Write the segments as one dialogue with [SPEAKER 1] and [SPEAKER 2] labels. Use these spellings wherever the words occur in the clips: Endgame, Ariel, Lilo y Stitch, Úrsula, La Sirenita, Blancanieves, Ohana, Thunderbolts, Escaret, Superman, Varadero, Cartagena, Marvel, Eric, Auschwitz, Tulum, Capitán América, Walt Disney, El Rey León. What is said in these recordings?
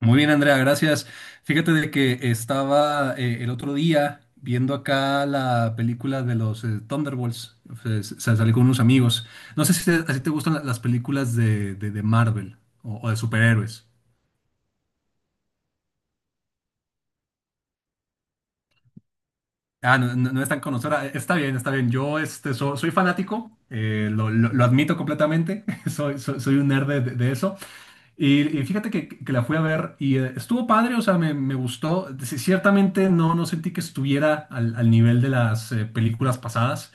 [SPEAKER 1] Muy bien, Andrea, gracias. Fíjate de que estaba el otro día viendo acá la película de los Thunderbolts. Salí con unos amigos. No sé si te, así te gustan las películas de Marvel o de superhéroes. Ah, no, no es tan conocedora. Está bien, está bien. Yo este, soy fanático, lo admito completamente. Soy un nerd de eso. Y fíjate que la fui a ver y estuvo padre, o sea, me gustó. Sí, ciertamente no, no sentí que estuviera al nivel de las películas pasadas,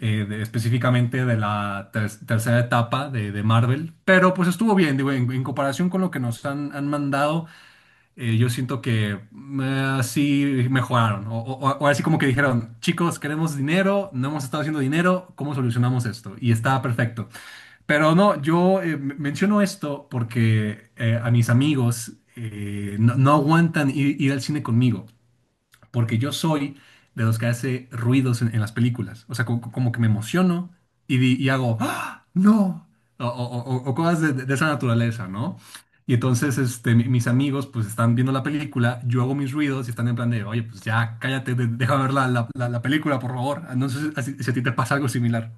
[SPEAKER 1] específicamente de la tercera etapa de Marvel, pero pues estuvo bien, digo, en comparación con lo que nos han, han mandado, yo siento que así mejoraron, o así como que dijeron, chicos, queremos dinero, no hemos estado haciendo dinero, ¿cómo solucionamos esto? Y está perfecto. Pero no, yo menciono esto porque a mis amigos no, no aguantan ir, ir al cine conmigo, porque yo soy de los que hace ruidos en las películas. O sea, como, que me emociono y, y hago, ¡ah! ¡No! O, o cosas de esa naturaleza, ¿no? Y entonces este, mis amigos pues están viendo la película, yo hago mis ruidos y están en plan de, oye, pues ya cállate, déjame ver la película, por favor. No sé si, si a ti te pasa algo similar.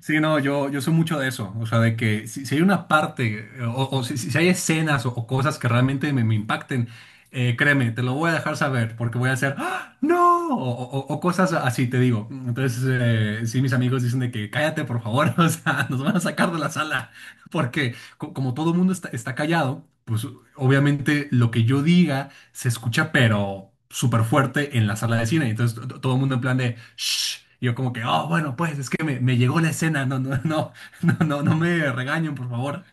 [SPEAKER 1] Sí, no, yo soy mucho de eso, o sea, de que si, si hay una parte o si, si hay escenas o cosas que realmente me impacten, créeme, te lo voy a dejar saber porque voy a hacer, ¡ah! ¡No! O, o cosas así, te digo. Entonces, sí, mis amigos dicen de que cállate, por favor, o sea, nos van a sacar de la sala porque como todo mundo está, está callado, pues obviamente lo que yo diga se escucha, pero súper fuerte en la sala de cine. Entonces todo el mundo en plan de shh. Y yo como que, oh, bueno, pues es que me llegó la escena, no, no, no, no, no, no me regañen, por favor.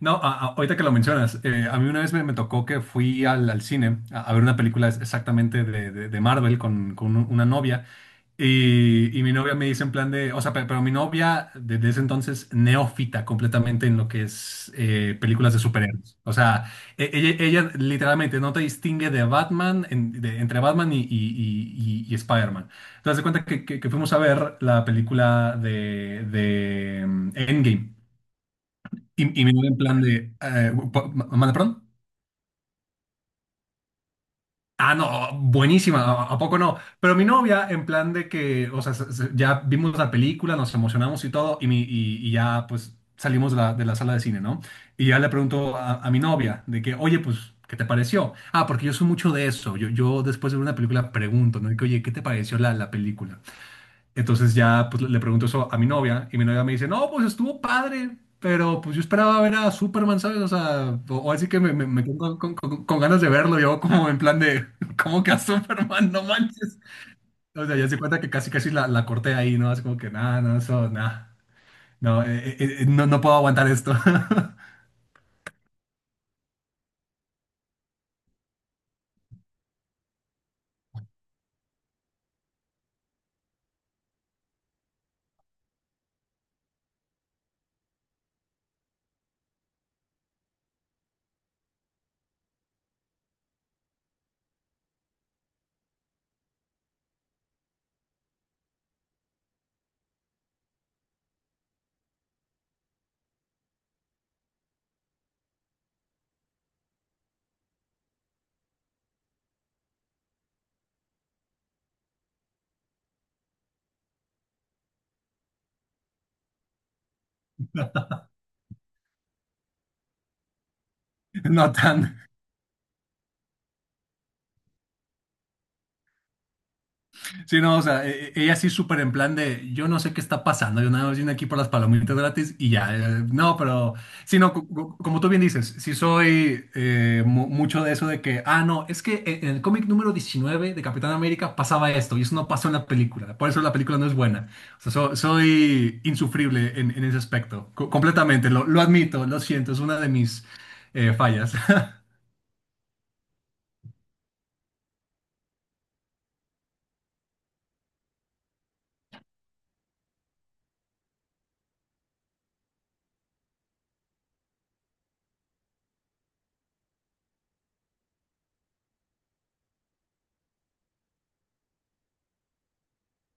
[SPEAKER 1] No, ahorita que lo mencionas, a mí una vez me, me tocó que fui al cine a ver una película exactamente de, de Marvel con una novia y mi novia me dice en plan de, o sea, pero, mi novia desde ese entonces neófita completamente en lo que es películas de superhéroes. O sea, ella literalmente no te distingue de Batman, entre Batman y, y Spider-Man. Entonces, de cuenta que, que fuimos a ver la película Endgame. Y me dio en plan de... ¿manda perdón? Ah, no, buenísima, a poco no? Pero mi novia, en plan de que, o sea, ya vimos la película, nos emocionamos y todo, y ya pues salimos de de la sala de cine, ¿no? Y ya le pregunto a mi novia de que, oye, pues, ¿qué te pareció? Ah, porque yo soy mucho de eso, yo después de ver una película pregunto, ¿no? De que, oye, ¿qué te pareció la película? Entonces ya pues, le pregunto eso a mi novia y mi novia me dice, no, pues estuvo padre, pero pues yo esperaba ver a Superman, ¿sabes? O sea, o así que me, me quedé con, con ganas de verlo, yo como en plan de, ¿cómo que a Superman? No manches. O sea, ya se cuenta que casi casi la corté ahí, ¿no? Así como que, nada, no, eso, nada. No, no, no puedo aguantar esto. No tan. Sí, no, o sea, e, ella sí súper en plan de, yo no sé qué está pasando, yo nada más vine aquí por las palomitas gratis y ya, no, pero, sí, no, como tú bien dices, sí soy mucho de eso de que, ah, no, es que en el cómic número 19 de Capitán América pasaba esto y eso no pasó en la película, por eso la película no es buena, o sea, soy insufrible en ese aspecto, completamente, lo admito, lo siento, es una de mis fallas.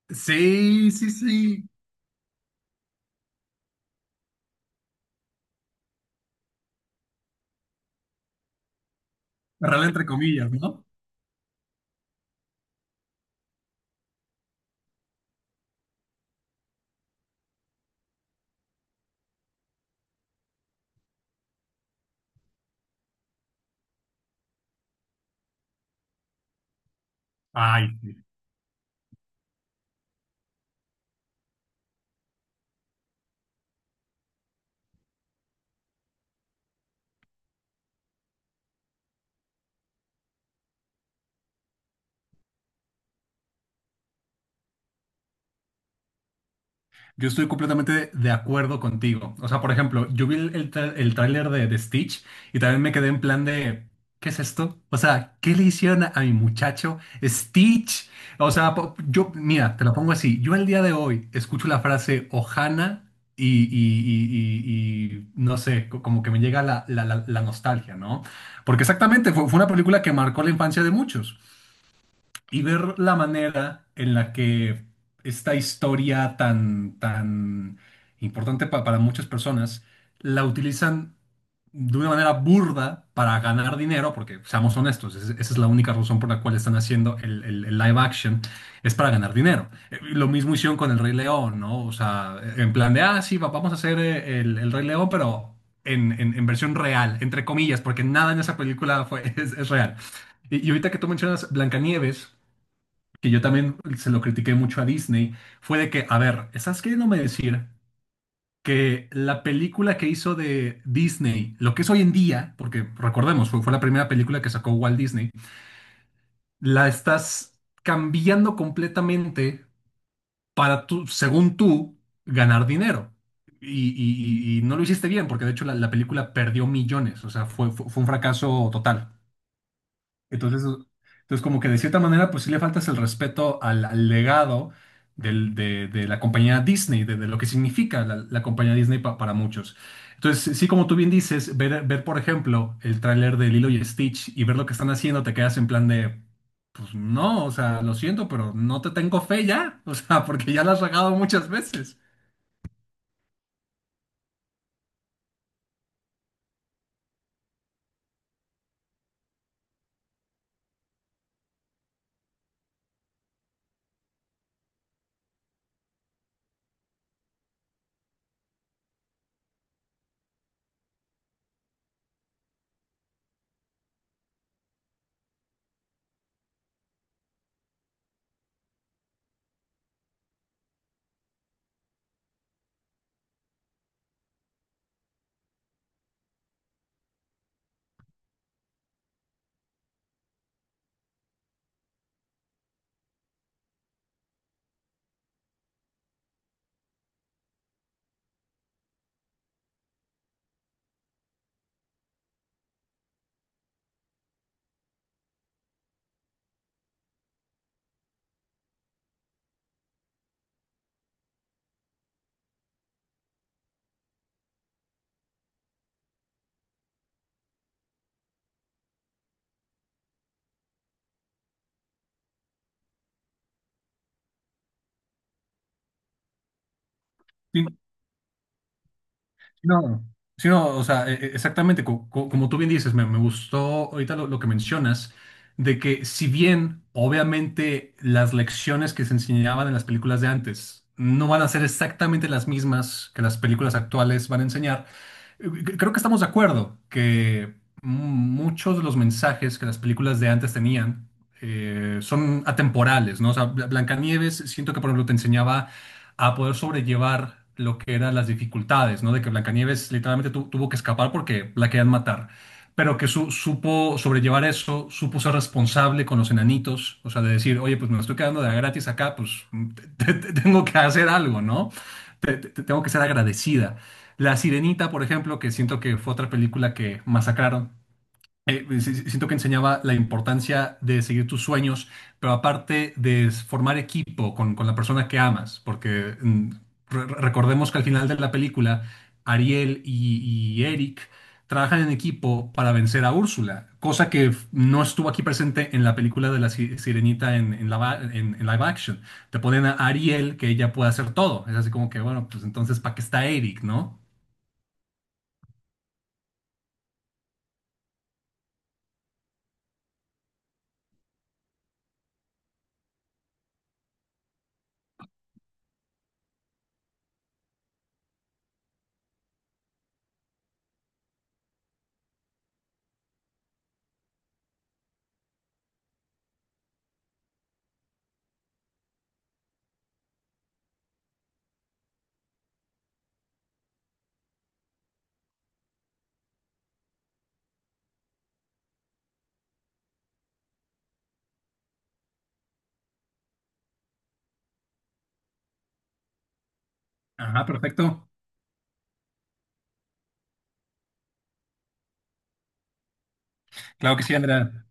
[SPEAKER 1] Sí, sí, sí, real entre comillas, ¿no? Ay. Yo estoy completamente de acuerdo contigo. O sea, por ejemplo, yo vi el tráiler de Stitch y también me quedé en plan de, ¿qué es esto? O sea, ¿qué le hicieron a mi muchacho Stitch? O sea, yo, mira, te lo pongo así. Yo el día de hoy escucho la frase Ohana y, y no sé, como que me llega la nostalgia, ¿no? Porque exactamente fue, fue una película que marcó la infancia de muchos y ver la manera en la que esta historia tan, tan importante para muchas personas la utilizan de una manera burda para ganar dinero, porque seamos honestos, esa es la única razón por la cual están haciendo el live action, es para ganar dinero. Lo mismo hicieron con El Rey León, ¿no? O sea, en plan de, ah, sí, vamos a hacer el Rey León, pero en, en versión real, entre comillas, porque nada en esa película fue, es real. Y ahorita que tú mencionas Blancanieves, que yo también se lo critiqué mucho a Disney, fue de que, a ver, ¿estás queriéndome decir que la película que hizo de Disney, lo que es hoy en día, porque recordemos, fue, fue la primera película que sacó Walt Disney, la estás cambiando completamente para tú, según tú, ganar dinero? Y no lo hiciste bien, porque de hecho la película perdió millones, o sea, fue, fue fue un fracaso total. Entonces, entonces como que de cierta manera, pues sí le faltas el respeto al legado de la compañía Disney, de lo que significa la compañía Disney para muchos. Entonces, sí, como tú bien dices, ver, ver por ejemplo, el tráiler de Lilo y Stitch y ver lo que están haciendo, te quedas en plan de, pues no, o sea, lo siento, pero no te tengo fe ya, o sea, porque ya la has regado muchas veces. Sí, no, sí, no, o sea, exactamente, como tú bien dices, me gustó ahorita lo que mencionas, de que si bien obviamente las lecciones que se enseñaban en las películas de antes no van a ser exactamente las mismas que las películas actuales van a enseñar, creo que estamos de acuerdo que muchos de los mensajes que las películas de antes tenían son atemporales, ¿no? O sea, Blancanieves, siento que por ejemplo te enseñaba a poder sobrellevar lo que eran las dificultades, ¿no? De que Blancanieves literalmente tuvo que escapar porque la querían matar, pero que supo sobrellevar eso, supo ser responsable con los enanitos, o sea, de decir, oye, pues me estoy quedando de a gratis acá, pues tengo que hacer algo, ¿no? Tengo que ser agradecida. La Sirenita, por ejemplo, que siento que fue otra película que masacraron. Siento que enseñaba la importancia de seguir tus sueños, pero aparte de formar equipo con la persona que amas, porque recordemos que al final de la película, Ariel y Eric trabajan en equipo para vencer a Úrsula, cosa que no estuvo aquí presente en la película de la Sirenita en la en live action. Te ponen a Ariel que ella puede hacer todo. Es así como que, bueno, pues entonces, ¿para qué está Eric, no? Ajá, perfecto. Claro que sí, Andrea.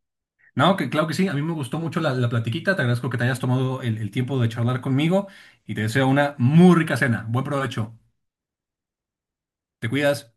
[SPEAKER 1] No, que claro que sí. A mí me gustó mucho la platiquita. Te agradezco que te hayas tomado el tiempo de charlar conmigo y te deseo una muy rica cena. Buen provecho. Te cuidas.